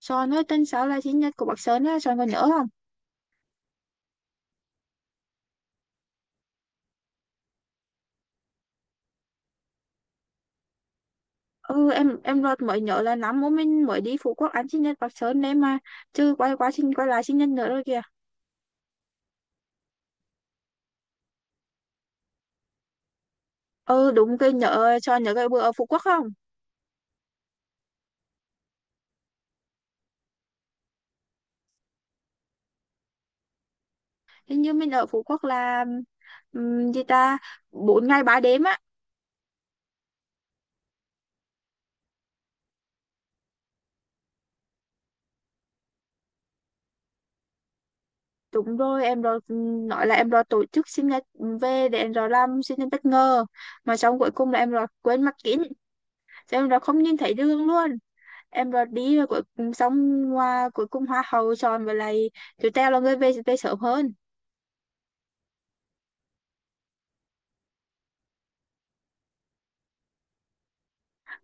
Son ơi, tên sáu là sinh nhật của bác Sơn á, Son còn nhớ không? Ừ, em đợt mới nhớ là năm bố mình mới đi Phú Quốc ăn sinh nhật bác Sơn đấy mà. Chứ quay lại sinh nhật nữa rồi kìa. Ừ đúng, cái nhớ Son nhớ cái bữa ở Phú Quốc không? Hình như mình ở Phú Quốc là, gì ta, 4 ngày 3 đêm á. Đúng rồi, em rồi nói là em rồi tổ chức sinh nhật, về để em rồi làm sinh nhật bất ngờ, mà xong cuối cùng là em rồi quên mặt kính. Cho em rồi không nhìn thấy đường luôn. Em rồi đi rồi cuối. Xong cuối cùng hoa hậu chọn với lại chú Teo là người về về sớm hơn.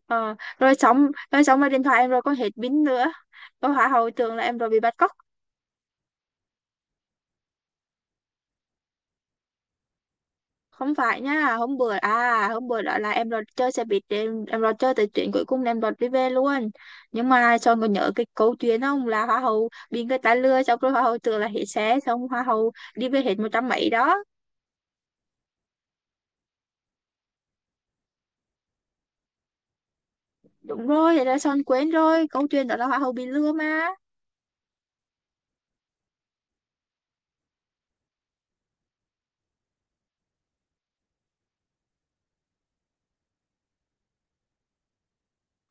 Ờ, Rồi xong rồi điện thoại em rồi có hết pin nữa, rồi hoa hậu tưởng là em rồi bị bắt cóc. Không phải nha, hôm bữa đó là em rồi chơi xe buýt, em rồi chơi tới chuyện cuối cùng là em rồi đi về luôn. Nhưng mà cho còn nhớ cái câu chuyện không, là hoa hậu bị người ta lừa xong rồi hoa hậu tưởng là hết xe, xong hoa hậu đi về hết một trăm mấy đó. Đúng rồi, thế là son quên rồi, câu chuyện đó là hoa hậu bị lừa mà.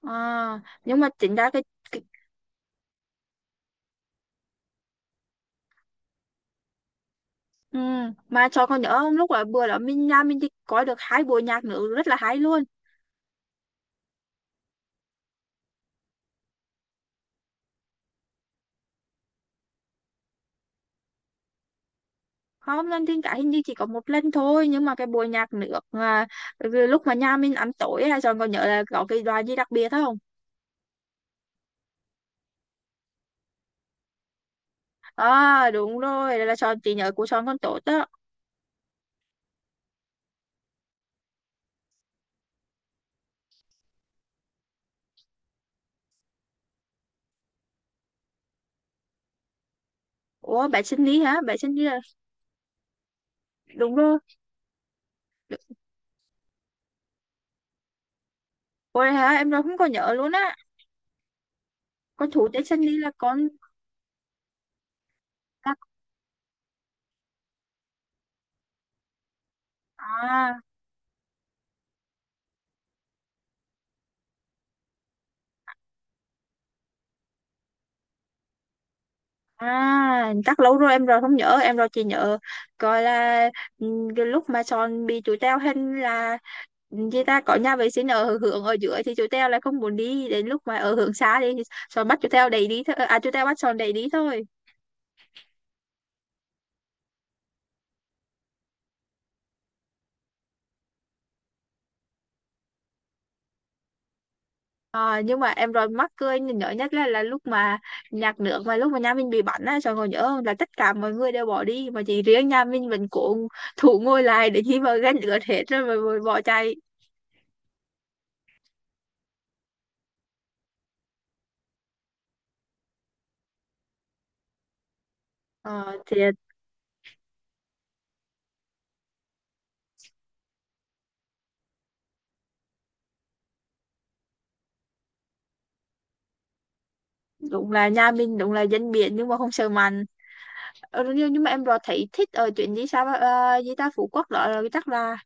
À, nhưng mà chính ra cái, cái ừ, mà cho con nhớ lúc là bữa đó nhà mình đi coi được 2 buổi nhạc nữ rất là hay luôn. Không, lên thiên cả hình như chỉ có một lần thôi, nhưng mà cái buổi nhạc nước, cái lúc mà nhà mình ăn tối là Sean còn nhớ là có cái đoàn gì đặc biệt không? À đúng rồi, là Sean chỉ nhớ của Sean con tốt đó. Ủa bé sinh lý hả, bé sinh lý là, đúng rồi. Ôi hả, em đâu không có nhớ luôn á. Con thủ tế sinh lý là con à? À, chắc lâu rồi em rồi không nhớ, em rồi chỉ nhớ coi là, ừ, cái lúc mà Son bị chú Teo hình là, chị ta có nhà vệ sinh ở hướng ở dưới thì chú Teo lại không muốn đi, đến lúc mà ở hướng xa đi thì Son bắt chú Teo đẩy đi thôi, à, chú Teo bắt Son đẩy đi thôi. Nhưng mà em rồi mắc cười nhớ nhất là lúc mà nhạc nước mà lúc mà nhà mình bị bắn á, Son còn nhớ không, là tất cả mọi người đều bỏ đi mà chỉ riêng nhà mình vẫn cố thủ ngồi lại để khi mà gánh lửa hết rồi mà bỏ chạy. Ờ, thì đúng là nhà mình đúng là dân biển nhưng mà không sợ mặn. Ờ, nhưng mà em rõ thấy thích ở chuyến đi sao, gì ta Phú Quốc đó là chắc là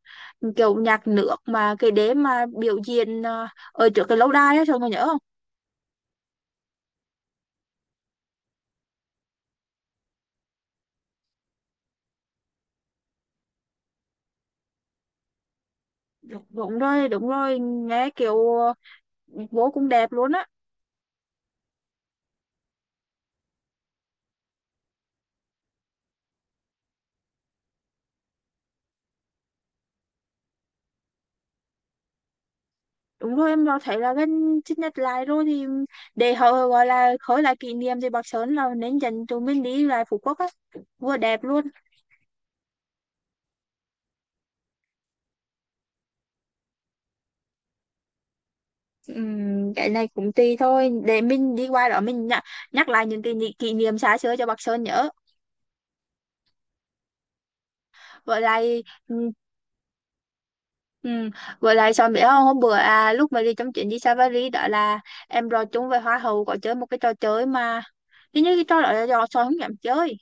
kiểu nhạc nước mà cái đế mà biểu diễn, ở trước cái lâu đài á, sao mà nhớ không? Đúng, đúng rồi, đúng rồi nghe kiểu, vô cùng đẹp luôn á. Đúng rồi, em rõ thấy là gần chích nhật lại rồi thì để họ gọi là khởi lại kỷ niệm thì Bắc Sơn là nên dành tụi mình đi lại Phú Quốc á, vừa đẹp luôn. Cái này cũng tùy thôi, để mình đi qua đó mình nhắc lại những kỷ niệm xa xưa cho bác Sơn nhớ. Với lại ừm, với lại Sơn biết không, hôm bữa, lúc mà đi trong chuyến đi Safari đó là em rồi chung với Hoa hậu có chơi một cái trò chơi mà hình như cái trò đó là do Sơn không dám chơi,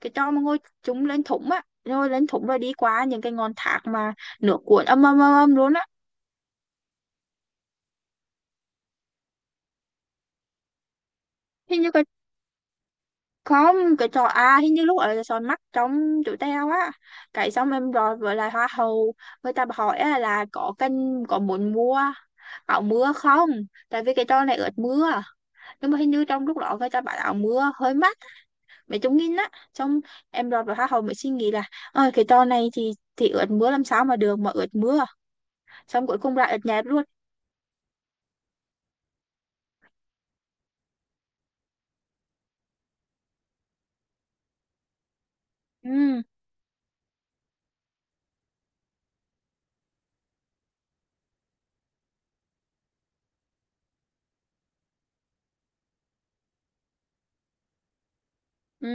cái trò mà ngồi chúng lên thủng á, ngồi lên thủng rồi đi qua những cái ngọn thác mà nước cuộn âm âm âm âm luôn á. Hình như không, cái trò, hình như lúc ở là soi mắt trong tụi tao á, cái xong em rồi với lại hoa hậu người ta hỏi á là có kênh có muốn mua áo mưa không. Tại vì cái trò này ướt mưa, nhưng mà hình như trong lúc đó người ta bảo áo mưa hơi mắc, mấy chục nghìn á, xong em rồi với hoa hậu mới suy nghĩ là, ơi cái trò này thì ướt mưa làm sao mà được, mà ướt mưa, xong cuối cùng lại ướt nhẹp luôn. Ừ, ừ.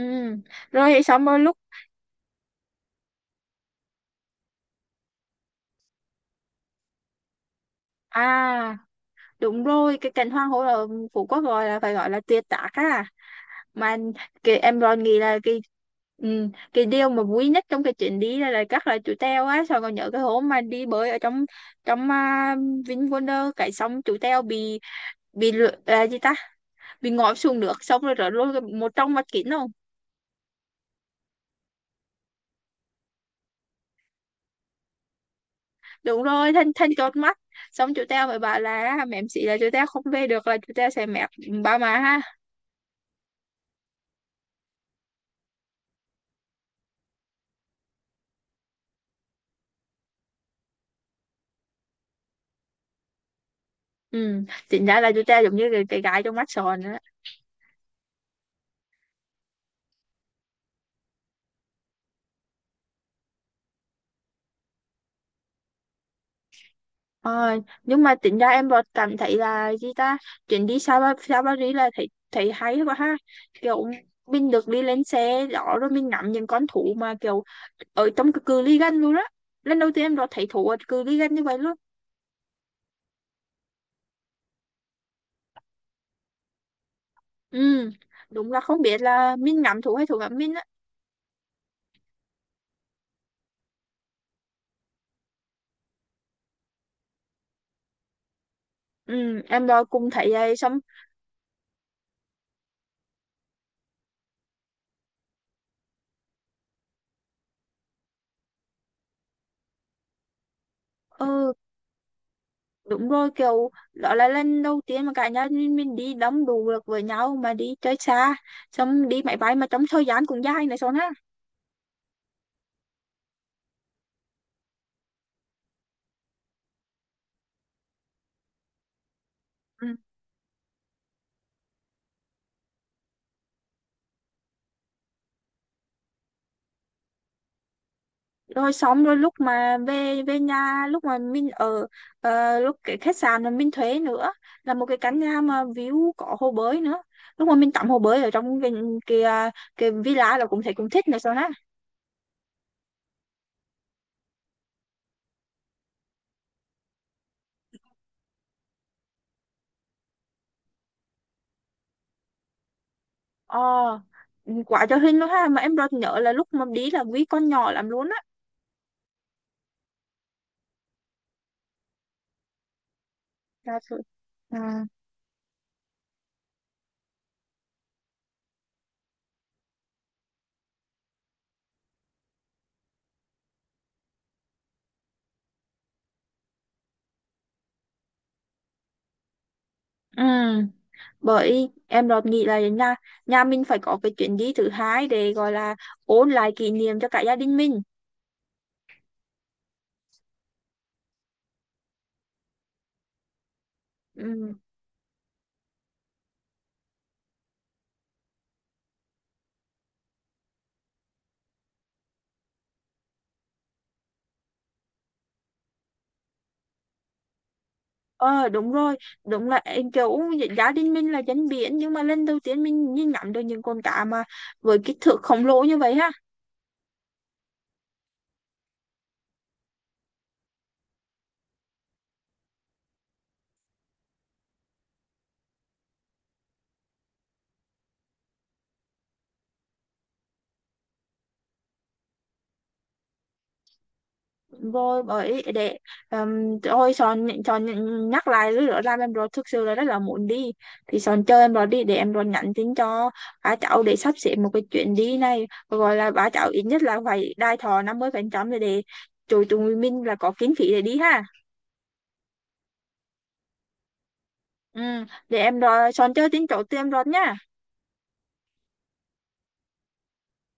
Rồi xong rồi lúc, à đúng rồi, cái cảnh hoàng hôn ở Phú Quốc gọi là phải gọi là tuyệt tác á. Mà cái em còn nghĩ là cái, ừ, cái điều mà vui nhất trong cái chuyến đi là chắc là chú Teo á, sao còn nhớ cái hôm mà đi bơi ở trong, trong VinWonder, cái xong chú Teo bị, là gì ta, bị ngã xuống nước xong rồi rớt luôn một trong mắt kính không? Đúng rồi, thanh thanh chót mắt, xong chú Teo mới bảo là mẹ sĩ là chú Teo không về được là chú Teo sẽ mẹ ba má ha. Ừ chính ra là chú Teo giống như cái gái trong mắt sòn á. Ờ, nhưng mà tính ra em vẫn cảm thấy là gì ta, chuyến đi Sa Paris là thấy thấy hay quá ha, kiểu mình được đi lên xe đó rồi mình ngắm những con thú mà kiểu ở trong cái cự ly gần luôn đó. Lần đầu tiên em đã thấy thú ở cự ly gần như vậy luôn. Ừ, đúng là không biết là mình ngắm thú hay thú ngắm mình á. Ừ em đã cùng thấy vậy xong. Ừ đúng rồi, kiểu đó là lần đầu tiên mà cả nhà mình đi đông đủ được với nhau mà đi chơi xa, xong đi máy bay mà trong thời gian cũng dài này xong ha. Ừ. Rồi xong rồi lúc mà về về nhà lúc mà mình ở, lúc cái khách sạn mà mình thuê nữa là một cái căn nhà mà view có hồ bơi nữa. Lúc mà mình tắm hồ bơi ở trong cái villa là cũng thấy cũng thích này sao ha. ờ ừ, quá cho hình luôn ha, mà em rất nhớ là lúc mà đi là quý con nhỏ lắm luôn á. Dạ thôi. À. Ừ, bởi em đột nghĩ là nhà nhà mình phải có cái chuyến đi thứ hai để gọi là ôn lại kỷ niệm cho cả gia đình mình. Ừ. Ờ đúng rồi, đúng là em kiểu gia đình mình là dân biển nhưng mà lần đầu tiên mình nhìn ngắm được những con cá mà với kích thước khổng lồ như vậy ha. Rồi bởi để thôi, Son Son nhắc lại lúc đó làm em rồi thực sự là rất là muốn đi. Thì Son chờ em rồi đi để em rồi nhắn tin cho ba cháu để sắp xếp một cái chuyến đi này, gọi là ba cháu ít nhất là phải đai thọ 50% để tụi tụi mình là có kinh phí để đi ha. Ừ, để em rồi Son chơi tin chỗ tụi em rồi nhá.